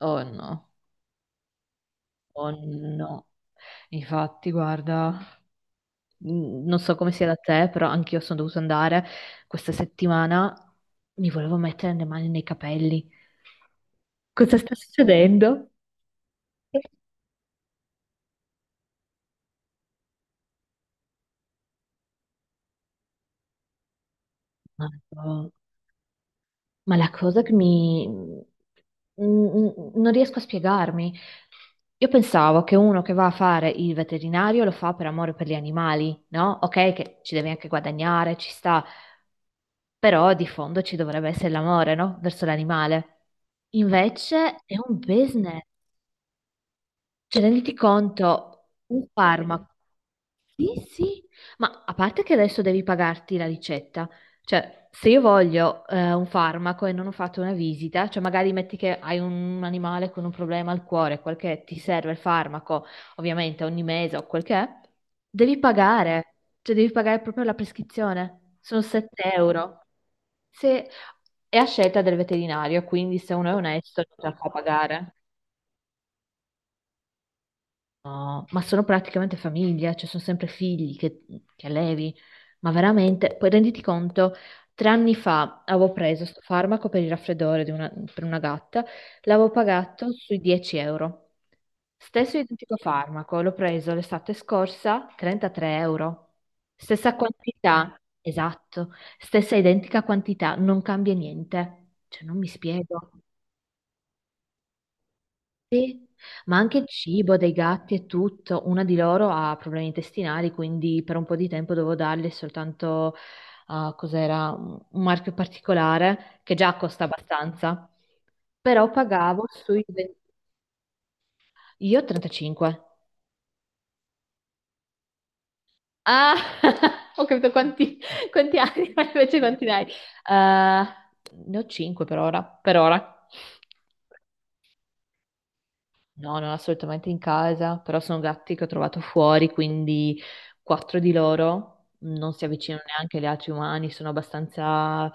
Oh no, oh no. Infatti, guarda, non so come sia da te, però anch'io sono dovuta andare questa settimana. Mi volevo mettere le mani nei capelli. Cosa sta succedendo? Madò. Ma la cosa che non riesco a spiegarmi. Io pensavo che uno che va a fare il veterinario lo fa per amore per gli animali, no? Ok, che ci devi anche guadagnare, ci sta, però di fondo ci dovrebbe essere l'amore, no? Verso l'animale. Invece è un business. Cioè, renditi conto, un farmaco. Sì, sì, ma a parte che adesso devi pagarti la ricetta, cioè se io voglio un farmaco e non ho fatto una visita, cioè magari metti che hai un animale con un problema al cuore, quel che è, ti serve il farmaco, ovviamente ogni mese o quel che è, devi pagare, cioè devi pagare proprio la prescrizione, sono 7 euro. Se è a scelta del veterinario, quindi se uno è onesto non te la fa pagare. No, ma sono praticamente famiglia, cioè sono sempre figli che allevi, ma veramente, poi renditi conto, 3 anni fa avevo preso sto farmaco per il raffreddore per una gatta, l'avevo pagato sui 10 euro. Stesso identico farmaco, l'ho preso l'estate scorsa, 33 euro. Stessa quantità, esatto, stessa identica quantità, non cambia niente, cioè non mi spiego. Ma anche il cibo dei gatti e tutto, una di loro ha problemi intestinali, quindi per un po' di tempo dovevo darle soltanto, ah, cos'era, un marchio particolare che già costa abbastanza, però Io ho 35. Ah, ho capito quanti anni, ma invece quanti ne hai? Ne ho 5 per ora, per ora. No, non assolutamente in casa, però sono gatti che ho trovato fuori, quindi quattro di loro non si avvicinano neanche agli altri umani, sono abbastanza,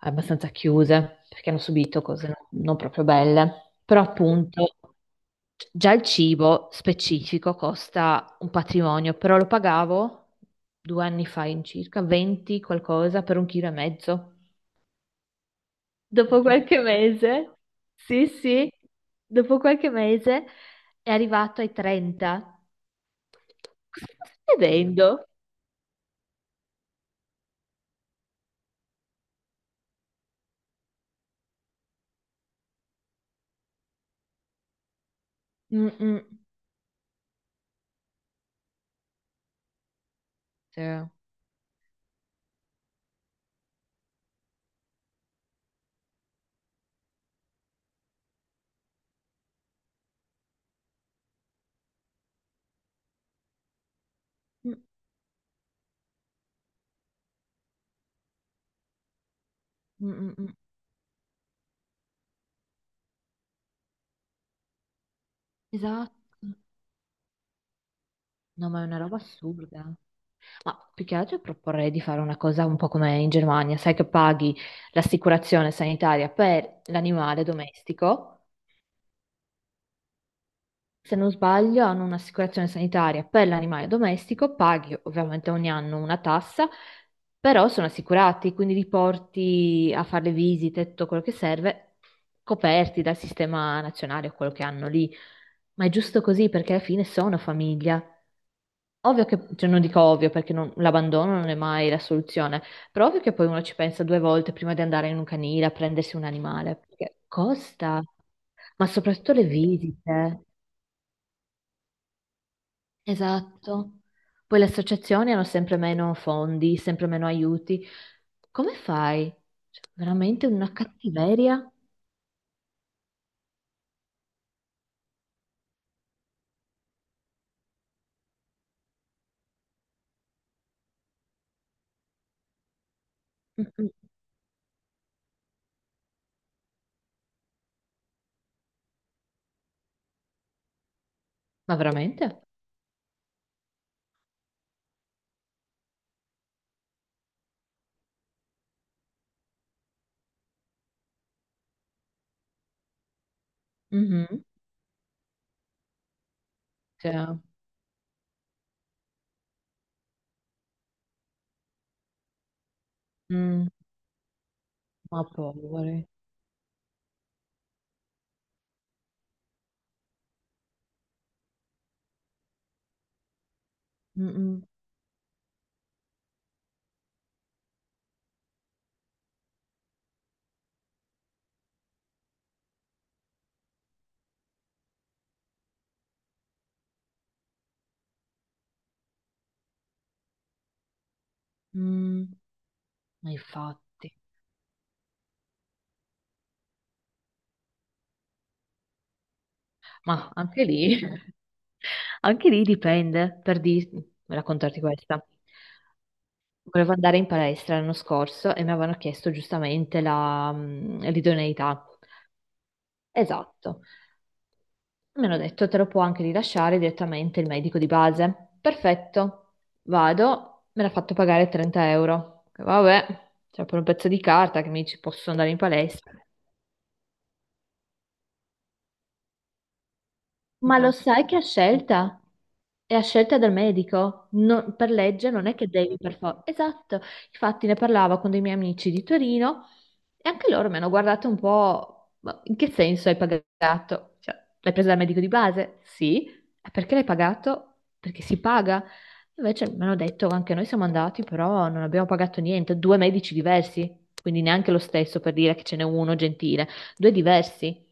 abbastanza chiuse perché hanno subito cose non proprio belle. Però appunto già il cibo specifico costa un patrimonio, però lo pagavo 2 anni fa in circa 20 qualcosa per un chilo e mezzo. Dopo qualche mese, sì, sì, dopo qualche mese è arrivato ai 30. Cosa stai vedendo? Mm, mm. Sì. Mm, mm, mm, mm. Esatto. No, ma è una roba assurda. Ma più che altro proporrei di fare una cosa un po' come in Germania, sai che paghi l'assicurazione sanitaria per l'animale domestico. Se non sbaglio, hanno un'assicurazione sanitaria per l'animale domestico, paghi ovviamente ogni anno una tassa, però sono assicurati, quindi li porti a fare le visite, tutto quello che serve, coperti dal sistema nazionale o quello che hanno lì. Ma è giusto così perché alla fine sono famiglia. Ovvio che, cioè non dico ovvio perché l'abbandono non è mai la soluzione, però ovvio che poi uno ci pensa due volte prima di andare in un canile a prendersi un animale, perché costa, ma soprattutto le visite. Esatto. Poi le associazioni hanno sempre meno fondi, sempre meno aiuti. Come fai? Cioè, veramente una cattiveria? Mm-mm. Ma veramente? Mhm. Cioè, mm, ma poveri. Mm-mm. Mm, ma infatti. Ma anche lì, anche lì dipende, raccontarti questa. Volevo andare in palestra l'anno scorso e mi avevano chiesto giustamente l'idoneità. Esatto. Mi hanno detto, te lo può anche rilasciare direttamente il medico di base. Perfetto, vado, me l'ha fatto pagare 30 euro. Vabbè, c'è pure un pezzo di carta che mi dice posso andare in palestra. Ma lo sai che è a scelta? È a scelta del medico, per legge non è che devi per forza. Esatto, infatti ne parlavo con dei miei amici di Torino e anche loro mi hanno guardato un po', "Ma in che senso hai pagato? Cioè, l'hai presa dal medico di base? Sì, "E perché l'hai pagato? Perché si paga. Invece mi hanno detto, anche noi siamo andati, però non abbiamo pagato niente, due medici diversi, quindi neanche lo stesso per dire che ce n'è uno gentile, due diversi,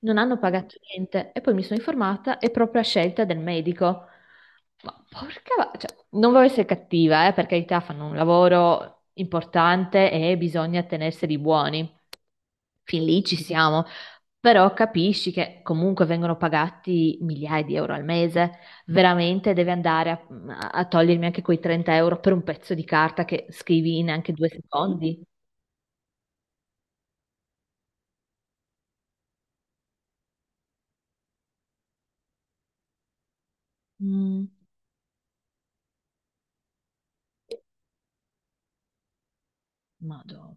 non hanno pagato niente e poi mi sono informata, è proprio a scelta del medico. Ma porca, cioè, non voglio essere cattiva, per carità, fanno un lavoro importante e bisogna tenerseli buoni. Fin lì ci siamo, però capisci che comunque vengono pagati migliaia di euro al mese. Veramente devi andare a togliermi anche quei 30 euro per un pezzo di carta che scrivi in anche 2 secondi? Mm, madonna.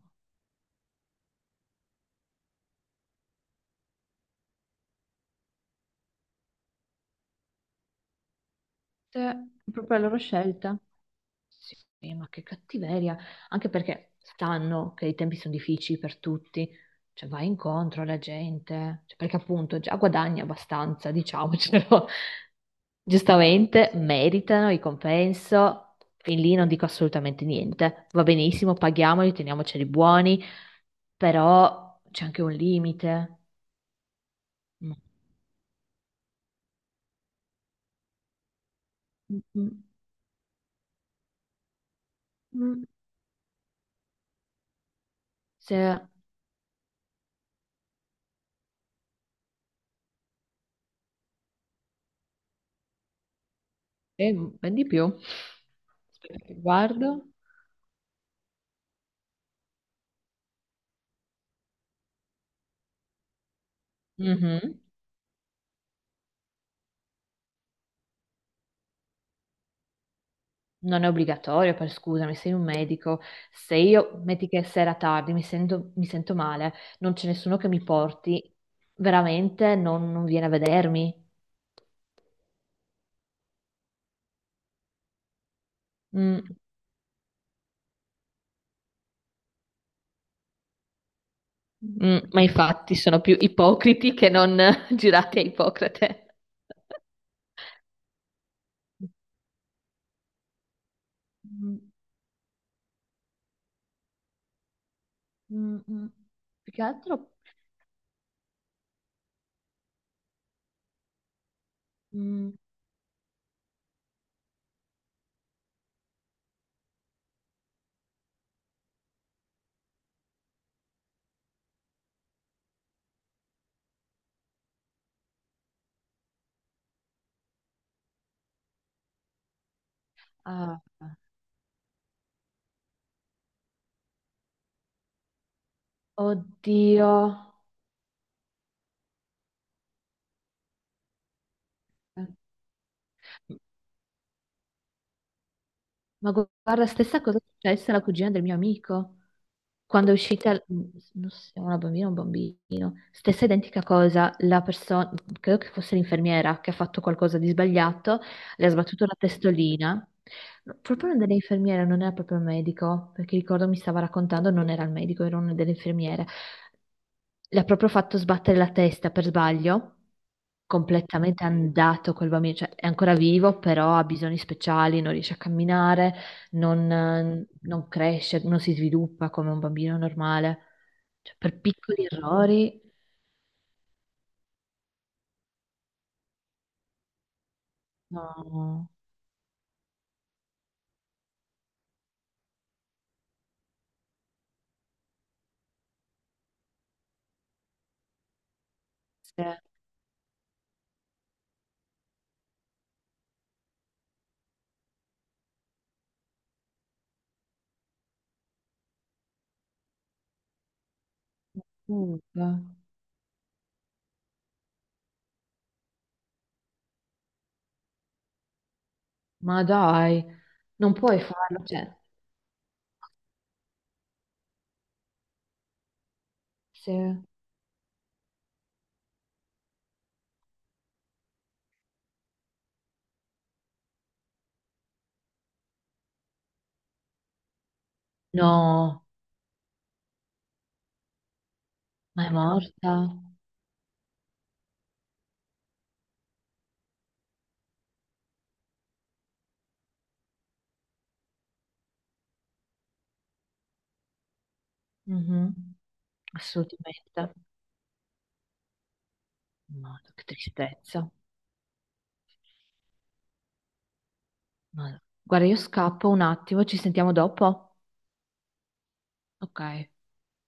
Cioè, è proprio la loro scelta. Sì, ma che cattiveria, anche perché sanno che i tempi sono difficili per tutti, cioè vai incontro alla gente, cioè, perché appunto già guadagni abbastanza, diciamocelo. Giustamente meritano il compenso, fin lì non dico assolutamente niente, va benissimo, paghiamoli, teniamoceli buoni, però c'è anche un limite. Mm, mm, mm. Se... Eh, ben di più. Aspetta che guardo. Mhm. Non è obbligatorio, per scusami, sei un medico. Se io, metti che è sera tardi, mi sento male, non c'è nessuno che mi porti, veramente non viene a vedermi. Mm, mm, ma infatti sono più ipocriti che non girati a Ippocrate. Mm, mm, mm. Più che altro. mm, ah, oddio. Ma guarda, stessa cosa è successa alla cugina del mio amico. Quando è uscita, non so, una bambina o un bambino, stessa identica cosa, la persona, credo che fosse l'infermiera che ha fatto qualcosa di sbagliato, le ha sbattuto la testolina. No, proprio una delle infermiere, non era proprio il medico, perché ricordo mi stava raccontando, non era il medico, era una delle infermiere. Le ha proprio fatto sbattere la testa per sbaglio, completamente andato quel bambino, cioè è ancora vivo, però ha bisogni speciali, non riesce a camminare, non cresce, non si sviluppa come un bambino normale. Cioè, per piccoli errori, no, se- ma dai, non puoi farlo. Cioè, se- no, ma è morta. Mhm. Assolutamente. Madò, che tristezza. Madò. Guarda, io scappo un attimo, ci sentiamo dopo. Ok.